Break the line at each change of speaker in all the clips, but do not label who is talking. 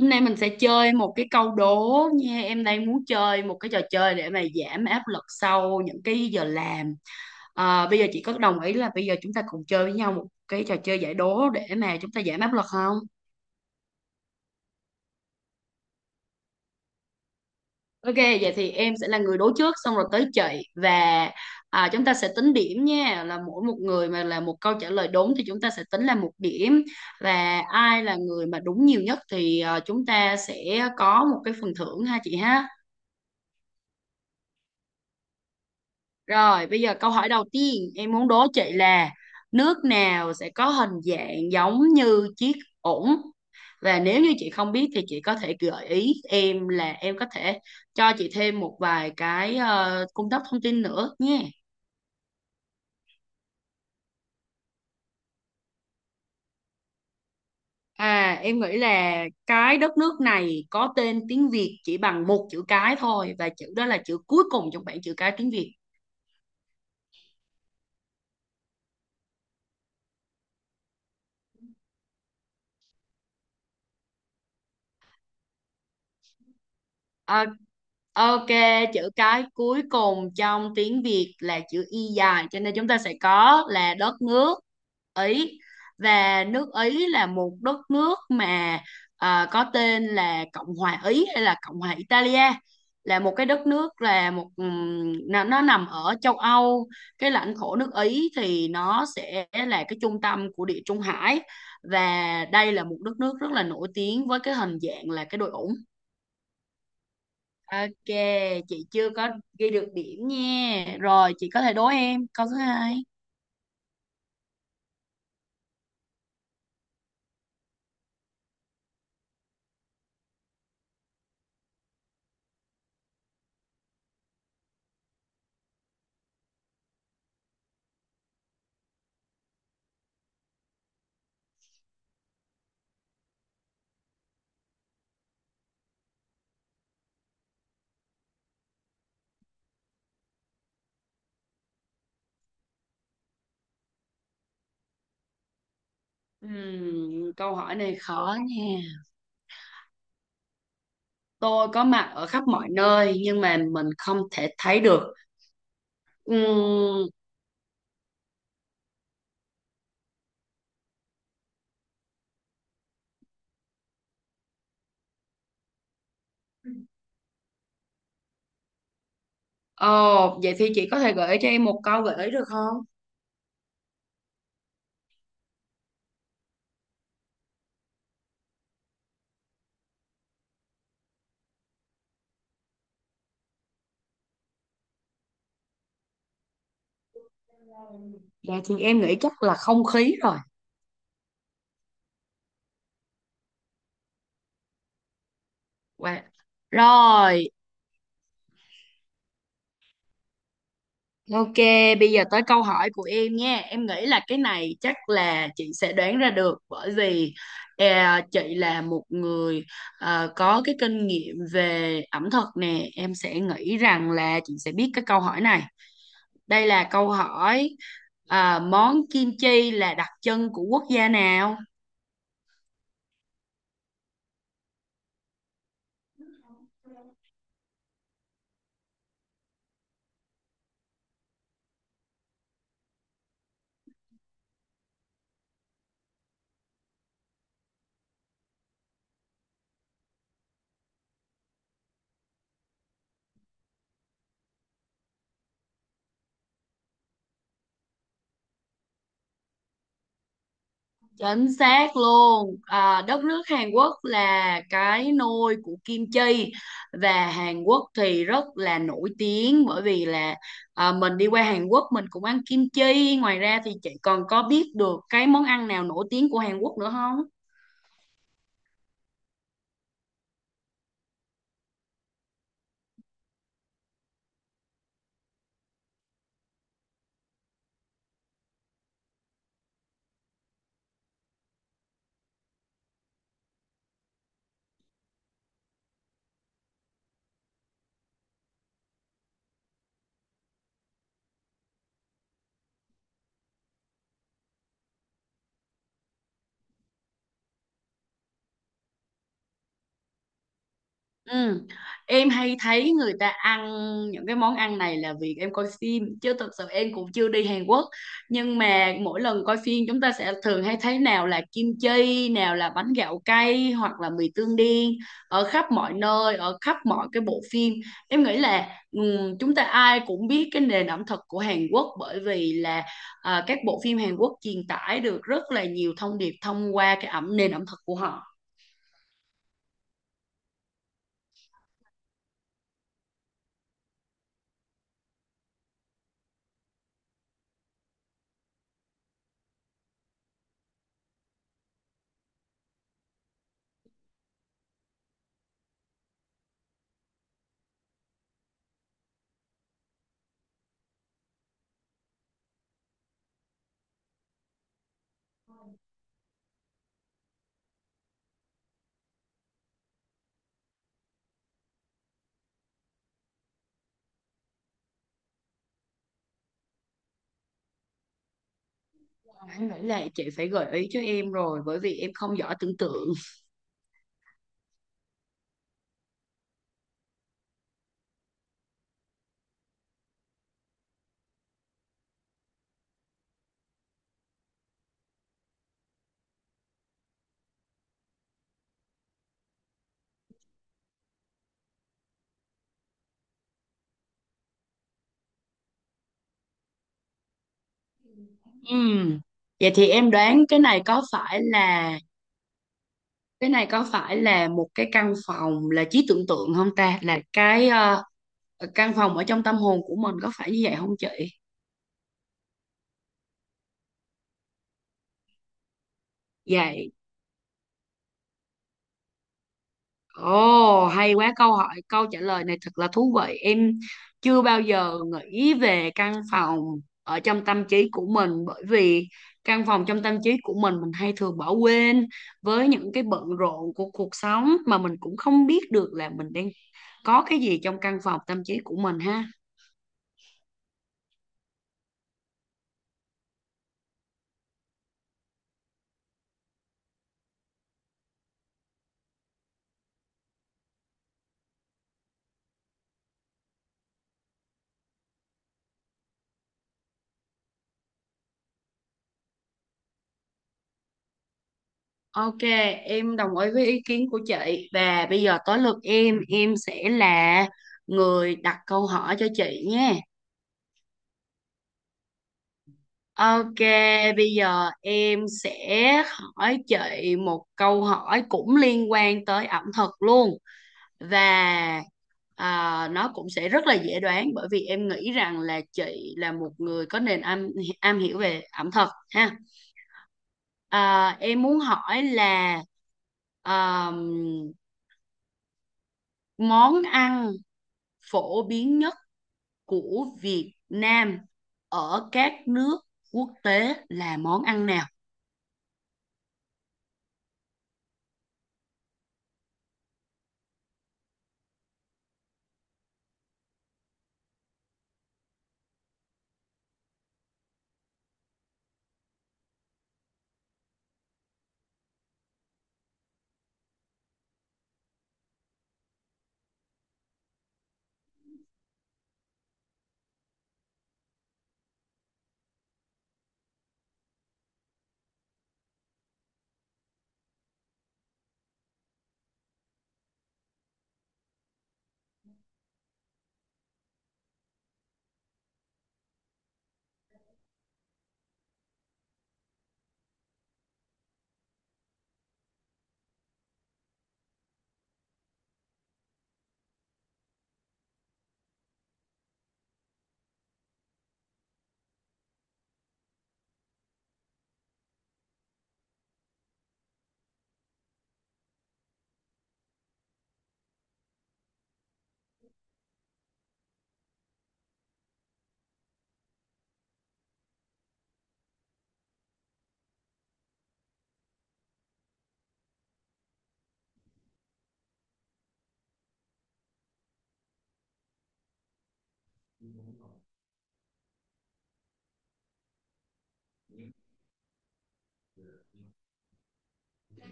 Hôm nay mình sẽ chơi một cái câu đố nha. Em đang muốn chơi một cái trò chơi để mà giảm áp lực sau những cái giờ làm. À, bây giờ chị có đồng ý là bây giờ chúng ta cùng chơi với nhau một cái trò chơi giải đố để mà chúng ta giảm áp lực không? Ok, vậy thì em sẽ là người đố trước xong rồi tới chị và chúng ta sẽ tính điểm nha. Là mỗi một người mà là một câu trả lời đúng thì chúng ta sẽ tính là một điểm, và ai là người mà đúng nhiều nhất thì chúng ta sẽ có một cái phần thưởng ha chị ha. Rồi, bây giờ câu hỏi đầu tiên em muốn đố chị là nước nào sẽ có hình dạng giống như chiếc ổn? Và nếu như chị không biết thì chị có thể gợi ý em là em có thể cho chị thêm một vài cái cung cấp thông tin nữa nhé. À, em nghĩ là cái đất nước này có tên tiếng Việt chỉ bằng một chữ cái thôi và chữ đó là chữ cuối cùng trong bảng chữ cái tiếng Việt. Ờ, ok, chữ cái cuối cùng trong tiếng Việt là chữ Y dài, cho nên chúng ta sẽ có là đất nước Ý. Và nước Ý là một đất nước mà có tên là Cộng hòa Ý hay là Cộng hòa Italia. Là một cái đất nước, là một nó nằm ở châu Âu. Cái lãnh thổ nước Ý thì nó sẽ là cái trung tâm của Địa Trung Hải, và đây là một đất nước rất là nổi tiếng với cái hình dạng là cái đồi ủng. Ok, chị chưa có ghi được điểm nha. Rồi, chị có thể đố em câu thứ hai. Câu hỏi này khó nha. Tôi có mặt ở khắp mọi nơi nhưng mà mình không thể thấy được. Ừm, Ồ, vậy thì chị có thể gợi ý cho em một câu gợi ý được không? Dạ thì em nghĩ chắc là không khí rồi. Wow. Rồi, ok, bây giờ tới câu hỏi của em nha. Em nghĩ là cái này chắc là chị sẽ đoán ra được, bởi vì chị là một người có cái kinh nghiệm về ẩm thực nè. Em sẽ nghĩ rằng là chị sẽ biết cái câu hỏi này. Đây là câu hỏi, món kim chi là đặc trưng của quốc gia nào? Chính xác luôn. À, đất nước Hàn Quốc là cái nôi của kim chi, và Hàn Quốc thì rất là nổi tiếng bởi vì là mình đi qua Hàn Quốc mình cũng ăn kim chi. Ngoài ra thì chị còn có biết được cái món ăn nào nổi tiếng của Hàn Quốc nữa không? Ừ. Em hay thấy người ta ăn những cái món ăn này là vì em coi phim, chứ thực sự em cũng chưa đi Hàn Quốc. Nhưng mà mỗi lần coi phim chúng ta sẽ thường hay thấy nào là kim chi, nào là bánh gạo cay, hoặc là mì tương đen, ở khắp mọi nơi, ở khắp mọi cái bộ phim. Em nghĩ là chúng ta ai cũng biết cái nền ẩm thực của Hàn Quốc, bởi vì là các bộ phim Hàn Quốc truyền tải được rất là nhiều thông điệp thông qua cái nền ẩm thực của họ. Đáng lẽ là chị phải gợi ý cho em rồi bởi vì em không giỏi tưởng tượng. Ừm, Vậy thì em đoán cái này có phải là một cái căn phòng là trí tưởng tượng không ta? Là cái căn phòng ở trong tâm hồn của mình, có phải như vậy không chị? Dạ. Ồ, hay quá câu hỏi, câu trả lời này thật là thú vị. Em chưa bao giờ nghĩ về căn phòng ở trong tâm trí của mình, bởi vì căn phòng trong tâm trí của mình hay thường bỏ quên với những cái bận rộn của cuộc sống, mà mình cũng không biết được là mình đang có cái gì trong căn phòng tâm trí của mình ha. Ok, em đồng ý với ý kiến của chị, và bây giờ tới lượt em sẽ là người đặt câu hỏi cho chị nhé. Ok, bây giờ em sẽ hỏi chị một câu hỏi cũng liên quan tới ẩm thực luôn, và nó cũng sẽ rất là dễ đoán, bởi vì em nghĩ rằng là chị là một người có nền am hiểu về ẩm thực ha. À, em muốn hỏi là à, món ăn phổ biến nhất của Việt Nam ở các nước quốc tế là món ăn nào?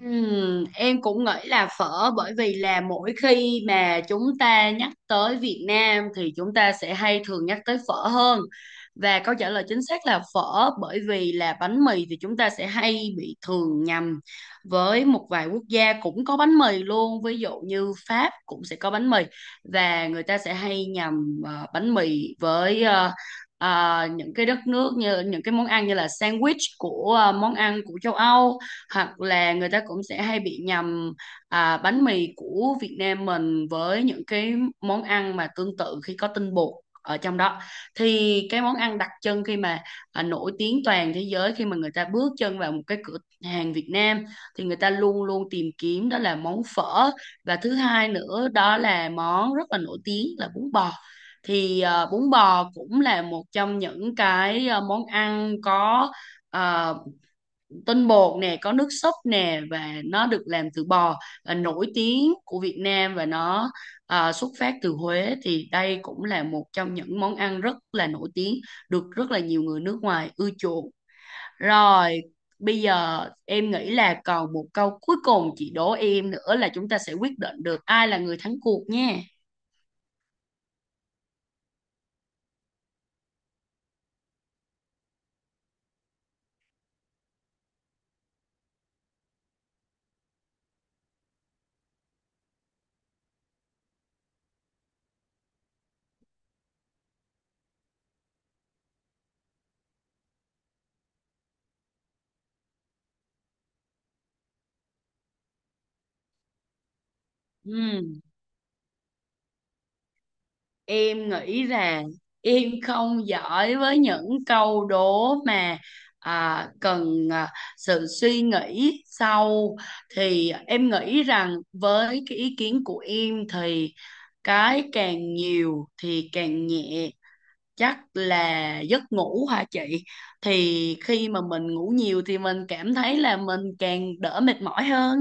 Em cũng nghĩ là phở, bởi vì là mỗi khi mà chúng ta nhắc tới Việt Nam thì chúng ta sẽ hay thường nhắc tới phở hơn, và câu trả lời chính xác là phở. Bởi vì là bánh mì thì chúng ta sẽ hay bị thường nhầm với một vài quốc gia cũng có bánh mì luôn, ví dụ như Pháp cũng sẽ có bánh mì, và người ta sẽ hay nhầm bánh mì với những cái đất nước, như những cái món ăn như là sandwich của món ăn của châu Âu. Hoặc là người ta cũng sẽ hay bị nhầm bánh mì của Việt Nam mình với những cái món ăn mà tương tự khi có tinh bột ở trong đó. Thì cái món ăn đặc trưng khi mà nổi tiếng toàn thế giới, khi mà người ta bước chân vào một cái cửa hàng Việt Nam, thì người ta luôn luôn tìm kiếm đó là món phở. Và thứ hai nữa, đó là món rất là nổi tiếng là bún bò. Thì bún bò cũng là một trong những cái món ăn có ờ, tinh bột nè, có nước súp nè, và nó được làm từ bò, là nổi tiếng của Việt Nam, và nó xuất phát từ Huế. Thì đây cũng là một trong những món ăn rất là nổi tiếng, được rất là nhiều người nước ngoài ưa chuộng. Rồi, bây giờ em nghĩ là còn một câu cuối cùng chị đố em nữa là chúng ta sẽ quyết định được ai là người thắng cuộc nha. Ừ, em nghĩ rằng em không giỏi với những câu đố mà cần sự suy nghĩ sâu. Thì em nghĩ rằng với cái ý kiến của em thì cái càng nhiều thì càng nhẹ chắc là giấc ngủ hả chị. Thì khi mà mình ngủ nhiều thì mình cảm thấy là mình càng đỡ mệt mỏi hơn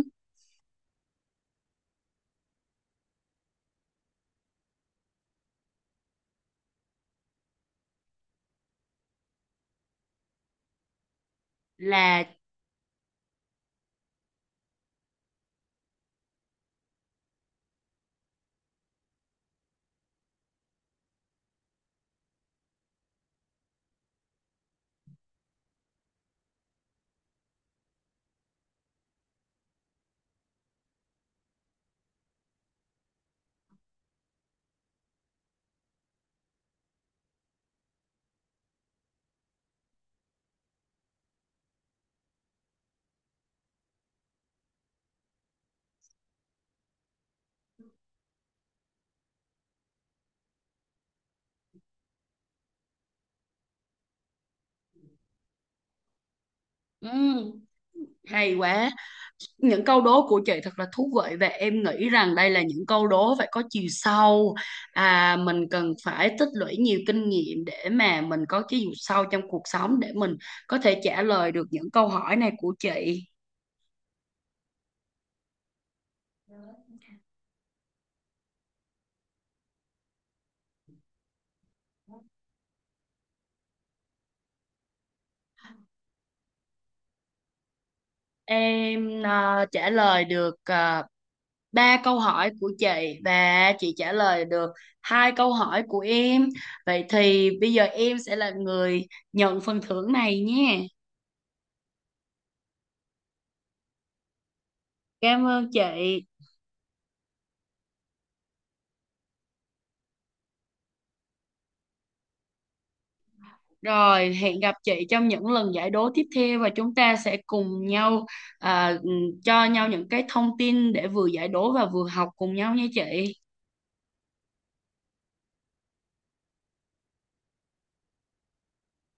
là ừ, hay quá. Những câu đố của chị thật là thú vị, và em nghĩ rằng đây là những câu đố phải có chiều sâu. Mình cần phải tích lũy nhiều kinh nghiệm để mà mình có chiều sâu trong cuộc sống, để mình có thể trả lời được những câu hỏi này của chị. Em trả lời được ba câu hỏi của chị, và chị trả lời được hai câu hỏi của em. Vậy thì bây giờ em sẽ là người nhận phần thưởng này nhé. Cảm ơn chị. Rồi, hẹn gặp chị trong những lần giải đố tiếp theo, và chúng ta sẽ cùng nhau à, ừ, cho nhau những cái thông tin để vừa giải đố và vừa học cùng nhau nha chị.